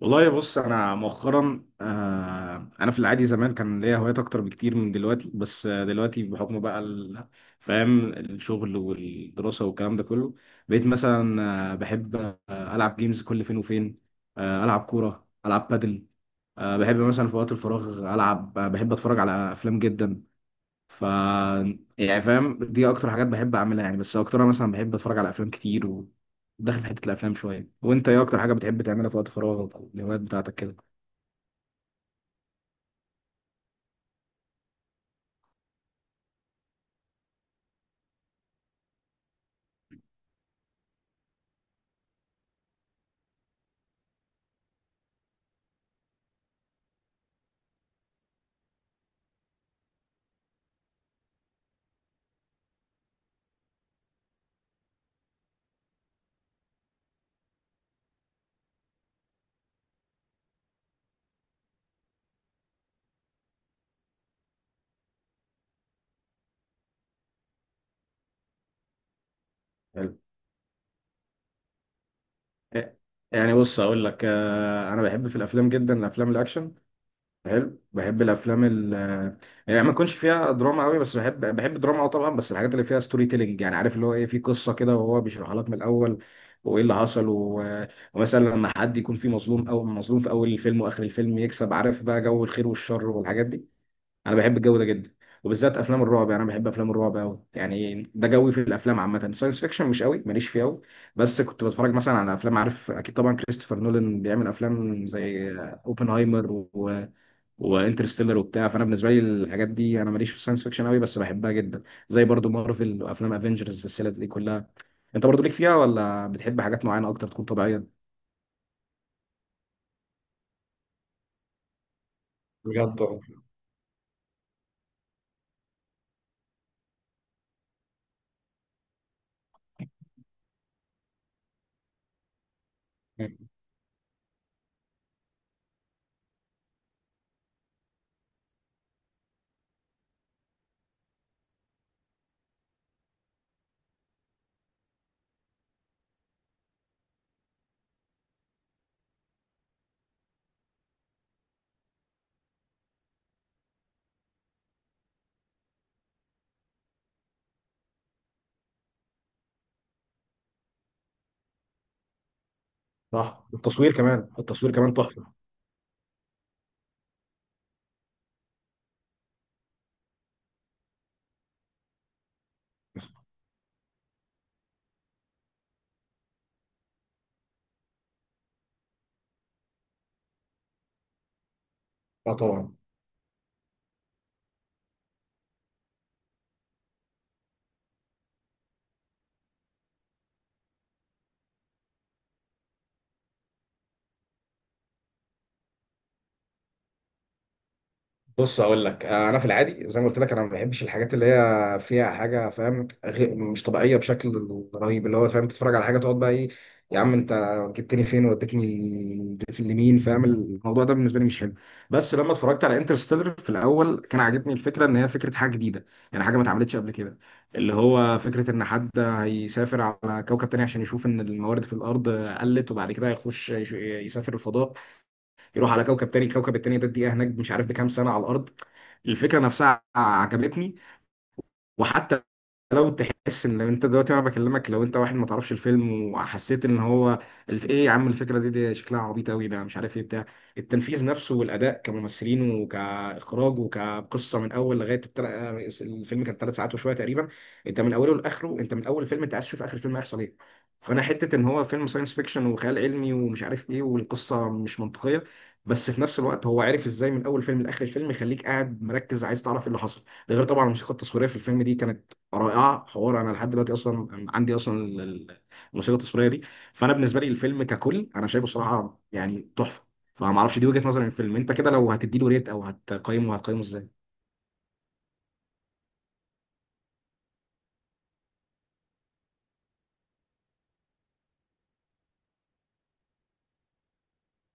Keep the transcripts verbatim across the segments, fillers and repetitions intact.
والله، بص، انا مؤخرا آه انا في العادي زمان كان ليا هوايات اكتر بكتير من دلوقتي، بس آه، دلوقتي بحكم بقى ال- فاهم الشغل والدراسه والكلام ده كله. بقيت مثلا آه بحب، آه العب جيمز كل فين وفين، آه العب كوره، العب بادل، آه بحب مثلا في وقت الفراغ العب، آه بحب اتفرج على افلام جدا. ف يعني فاهم، دي اكتر حاجات بحب اعملها يعني، بس اكترها مثلا بحب اتفرج على افلام كتير وداخل في حته الافلام شويه. وانت، ايه اكتر حاجه بتحب تعملها في وقت فراغك او الهوايات بتاعتك كده؟ حلو. إيه، يعني بص اقول لك، آه، انا بحب في الافلام جدا الافلام الاكشن. حلو، بحب الافلام ال يعني ما يكونش فيها دراما قوي، بس بحب بحب الدراما اه طبعا، بس الحاجات اللي فيها ستوري تيلينج، يعني عارف اللي هو ايه، في قصه كده وهو بيشرحها لك من الاول وايه اللي حصل و... ومثلا لما حد يكون فيه مظلوم، او مظلوم في اول الفيلم واخر الفيلم يكسب. عارف بقى جو الخير والشر والحاجات دي. انا بحب الجو ده جدا، وبالذات افلام الرعب. يعني انا بحب افلام الرعب قوي، يعني ده جوي في الافلام عامه. ساينس فيكشن مش قوي، ماليش فيه قوي، بس كنت بتفرج مثلا على افلام. عارف اكيد طبعا كريستوفر نولان بيعمل افلام زي اوبنهايمر و... وانترستيلر وبتاع. فانا بالنسبه لي الحاجات دي، انا ماليش في الساينس فيكشن قوي، بس بحبها جدا. زي برضو مارفل وافلام افنجرز السلسله دي كلها. انت برضو ليك فيها، ولا بتحب حاجات معينه اكتر تكون طبيعيه؟ بجد طبعا. صح، التصوير كمان، التصوير كمان تحفه. اه طبعا. بص اقول لك، انا في العادي زي ما قلت لك انا ما بحبش الحاجات اللي هي فيها حاجه فاهم غي- مش طبيعيه بشكل رهيب، اللي هو فاهم تتفرج على حاجه تقعد بقى ايه، يا عم انت جبتني فين وديتني في اليمين؟ فاهم، الموضوع ده بالنسبه لي مش حلو. بس لما اتفرجت على انترستيلر في الاول، كان عاجبني الفكره ان هي فكره حاجه جديده، يعني حاجه ما اتعملتش قبل كده. اللي هو فكره ان حد هيسافر على كوكب تاني عشان يشوف ان الموارد في الارض قلت، وبعد كده هيخش يش- يسافر الفضاء، يروح على كوكب تاني. الكوكب التاني ده الدقيقه هناك مش عارف بكام سنه على الارض. الفكره نفسها عجبتني. وحتى لو تحس ان، لو انت دلوقتي وانا بكلمك لو انت واحد ما تعرفش الفيلم وحسيت ان هو الف... ايه يا عم الفكره دي, دي شكلها عبيط قوي ده مش عارف ايه، بتاع التنفيذ نفسه والاداء كممثلين وكاخراج وكقصه من اول لغايه التل... الفيلم كان ثلاث ساعات وشويه تقريبا. انت من اوله لاخره، انت من اول الفيلم انت عايز تشوف اخر الفيلم هيحصل ايه. فانا حته ان هو فيلم ساينس فيكشن وخيال علمي ومش عارف ايه، والقصه مش منطقيه، بس في نفس الوقت هو عارف ازاي من اول فيلم لاخر الفيلم يخليك قاعد مركز عايز تعرف ايه اللي حصل. ده غير طبعا الموسيقى التصويريه في الفيلم دي كانت رائعه. حوار انا لحد دلوقتي اصلا عندي اصلا ال- ال- الموسيقى التصويريه دي. فانا بالنسبه لي الفيلم ككل انا شايفه صراحه يعني تحفه. فما اعرفش، دي وجهه نظري للفيلم. انت كده لو هتديله ريت او هتقيمه، هتقيمه ازاي؟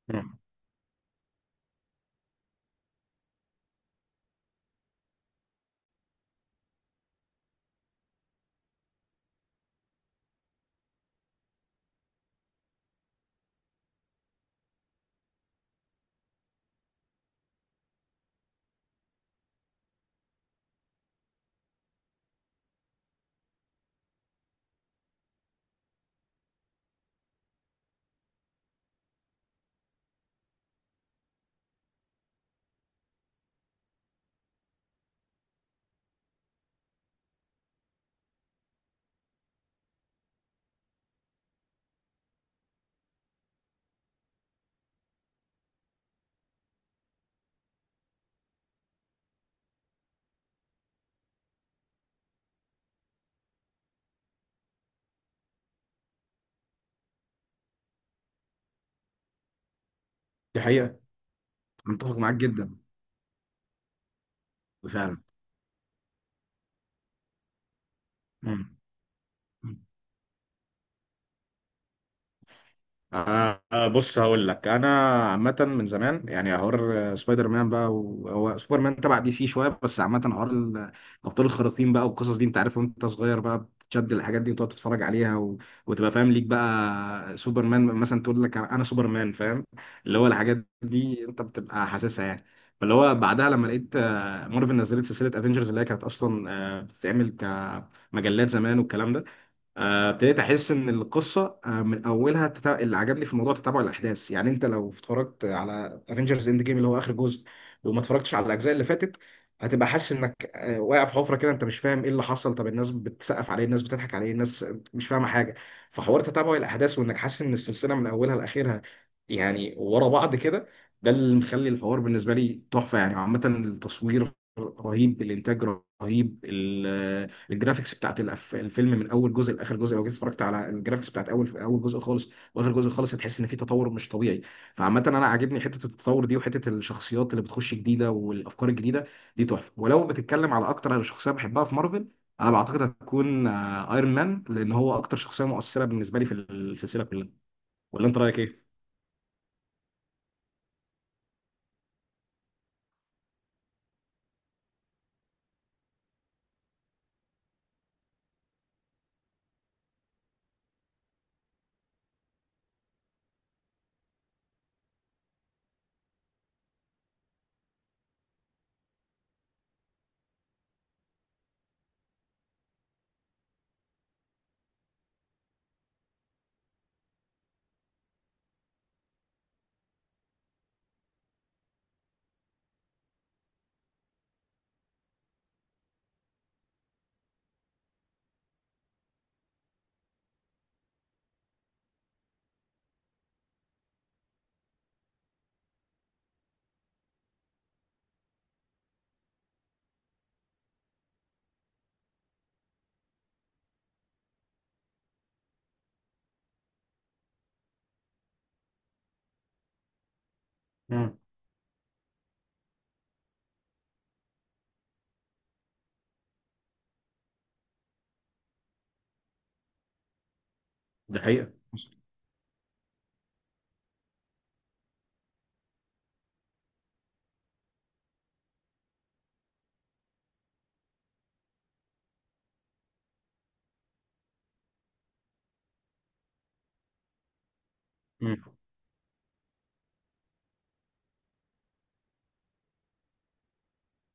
مم. دي حقيقه. أنا متفق معاك جدا. فعلا. مم. آه آه، بص هقول لك انا، عامه من زمان يعني حوار آه، سبايدر مان بقى وهو سوبر مان تبع دي سي شويه. بس عامه حوار ال- الابطال الخارقين بقى والقصص دي، انت عارف وانت صغير بقى بتشد الحاجات دي وتقعد تتفرج عليها، و... وتبقى فاهم ليك بقى سوبر مان مثلا، تقول لك انا سوبر مان. فاهم، اللي هو الحاجات دي انت بتبقى حاسسها يعني. فاللي هو بعدها لما لقيت آه، مارفل نزلت سلسله افنجرز، اللي هي كانت اصلا آه، بتتعمل كمجلات زمان والكلام ده، آه، ابتديت احس ان القصه آه، من اولها تتا... اللي عجبني في الموضوع تتابع الاحداث. يعني انت لو اتفرجت على افنجرز اند جيم، اللي هو اخر جزء، وما اتفرجتش على الاجزاء اللي فاتت، هتبقى حاسس انك آه، واقع في حفره كده، انت مش فاهم ايه اللي حصل، طب الناس بتسقف عليه، الناس بتضحك عليه، الناس مش فاهمه حاجه. فحوار تتابع الاحداث، وانك حاسس ان السلسله من اولها لاخرها يعني ورا بعض كده، ده اللي مخلي الحوار بالنسبه لي تحفه. يعني عامه التصوير رهيب، الانتاج رهيب، الجرافيكس بتاعت الأف- الفيلم من اول جزء لاخر جزء. لو جيت اتفرجت على الجرافيكس بتاعت اول اول جزء خالص واخر جزء خالص، هتحس ان في تطور مش طبيعي. فعامه انا عاجبني حته التطور دي، وحته الشخصيات اللي بتخش جديده والافكار الجديده دي تحفه. ولو بتتكلم على اكتر على شخصيه بحبها في مارفل، انا بعتقد هتكون آه، ايرون مان، لان هو اكتر شخصيه مؤثره بالنسبه لي في السلسله كلها. ولا انت رايك ايه؟ مم. ده حقيقة.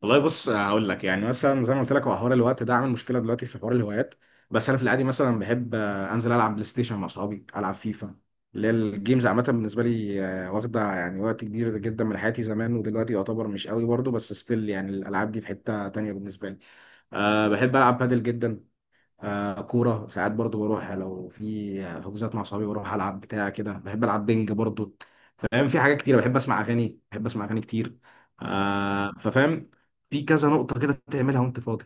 والله بص، هقول لك يعني مثلا زي ما قلت لك، هو حوار الوقت ده عامل مشكله دلوقتي في حوار الهوايات. بس انا في العادي مثلا بحب، آه، انزل العب بلاي ستيشن مع اصحابي، العب فيفا، اللي هي الجيمز عامه بالنسبه لي. آه، واخده يعني وقت كبير جدا من حياتي زمان، ودلوقتي يعتبر مش قوي برضه، بس ستيل يعني الالعاب دي في حته تانيه بالنسبه لي. أه بحب العب بادل جدا. آه كورة ساعات برضو، بروح لو في حجوزات مع صحابي بروح ألعب بتاع كده. بحب ألعب بينج برضو، فاهم، في حاجات كتير. بحب أسمع أغاني، بحب أسمع أغاني كتير. آه ففاهم، في كذا نقطة كده تعملها وأنت فاضي.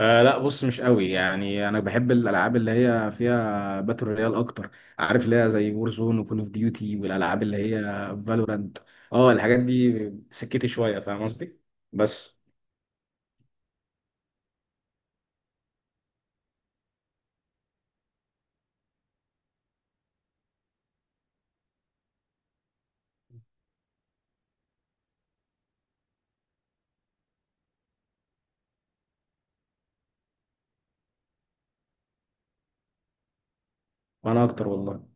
آه لا، بص مش قوي، يعني انا بحب الالعاب اللي هي فيها باتل رويال اكتر، عارف اللي هي زي وور زون وكول اوف ديوتي والالعاب اللي هي فالورانت. اه، الحاجات دي. سكتي شويه، فاهم قصدي، بس. وانا اكتر والله.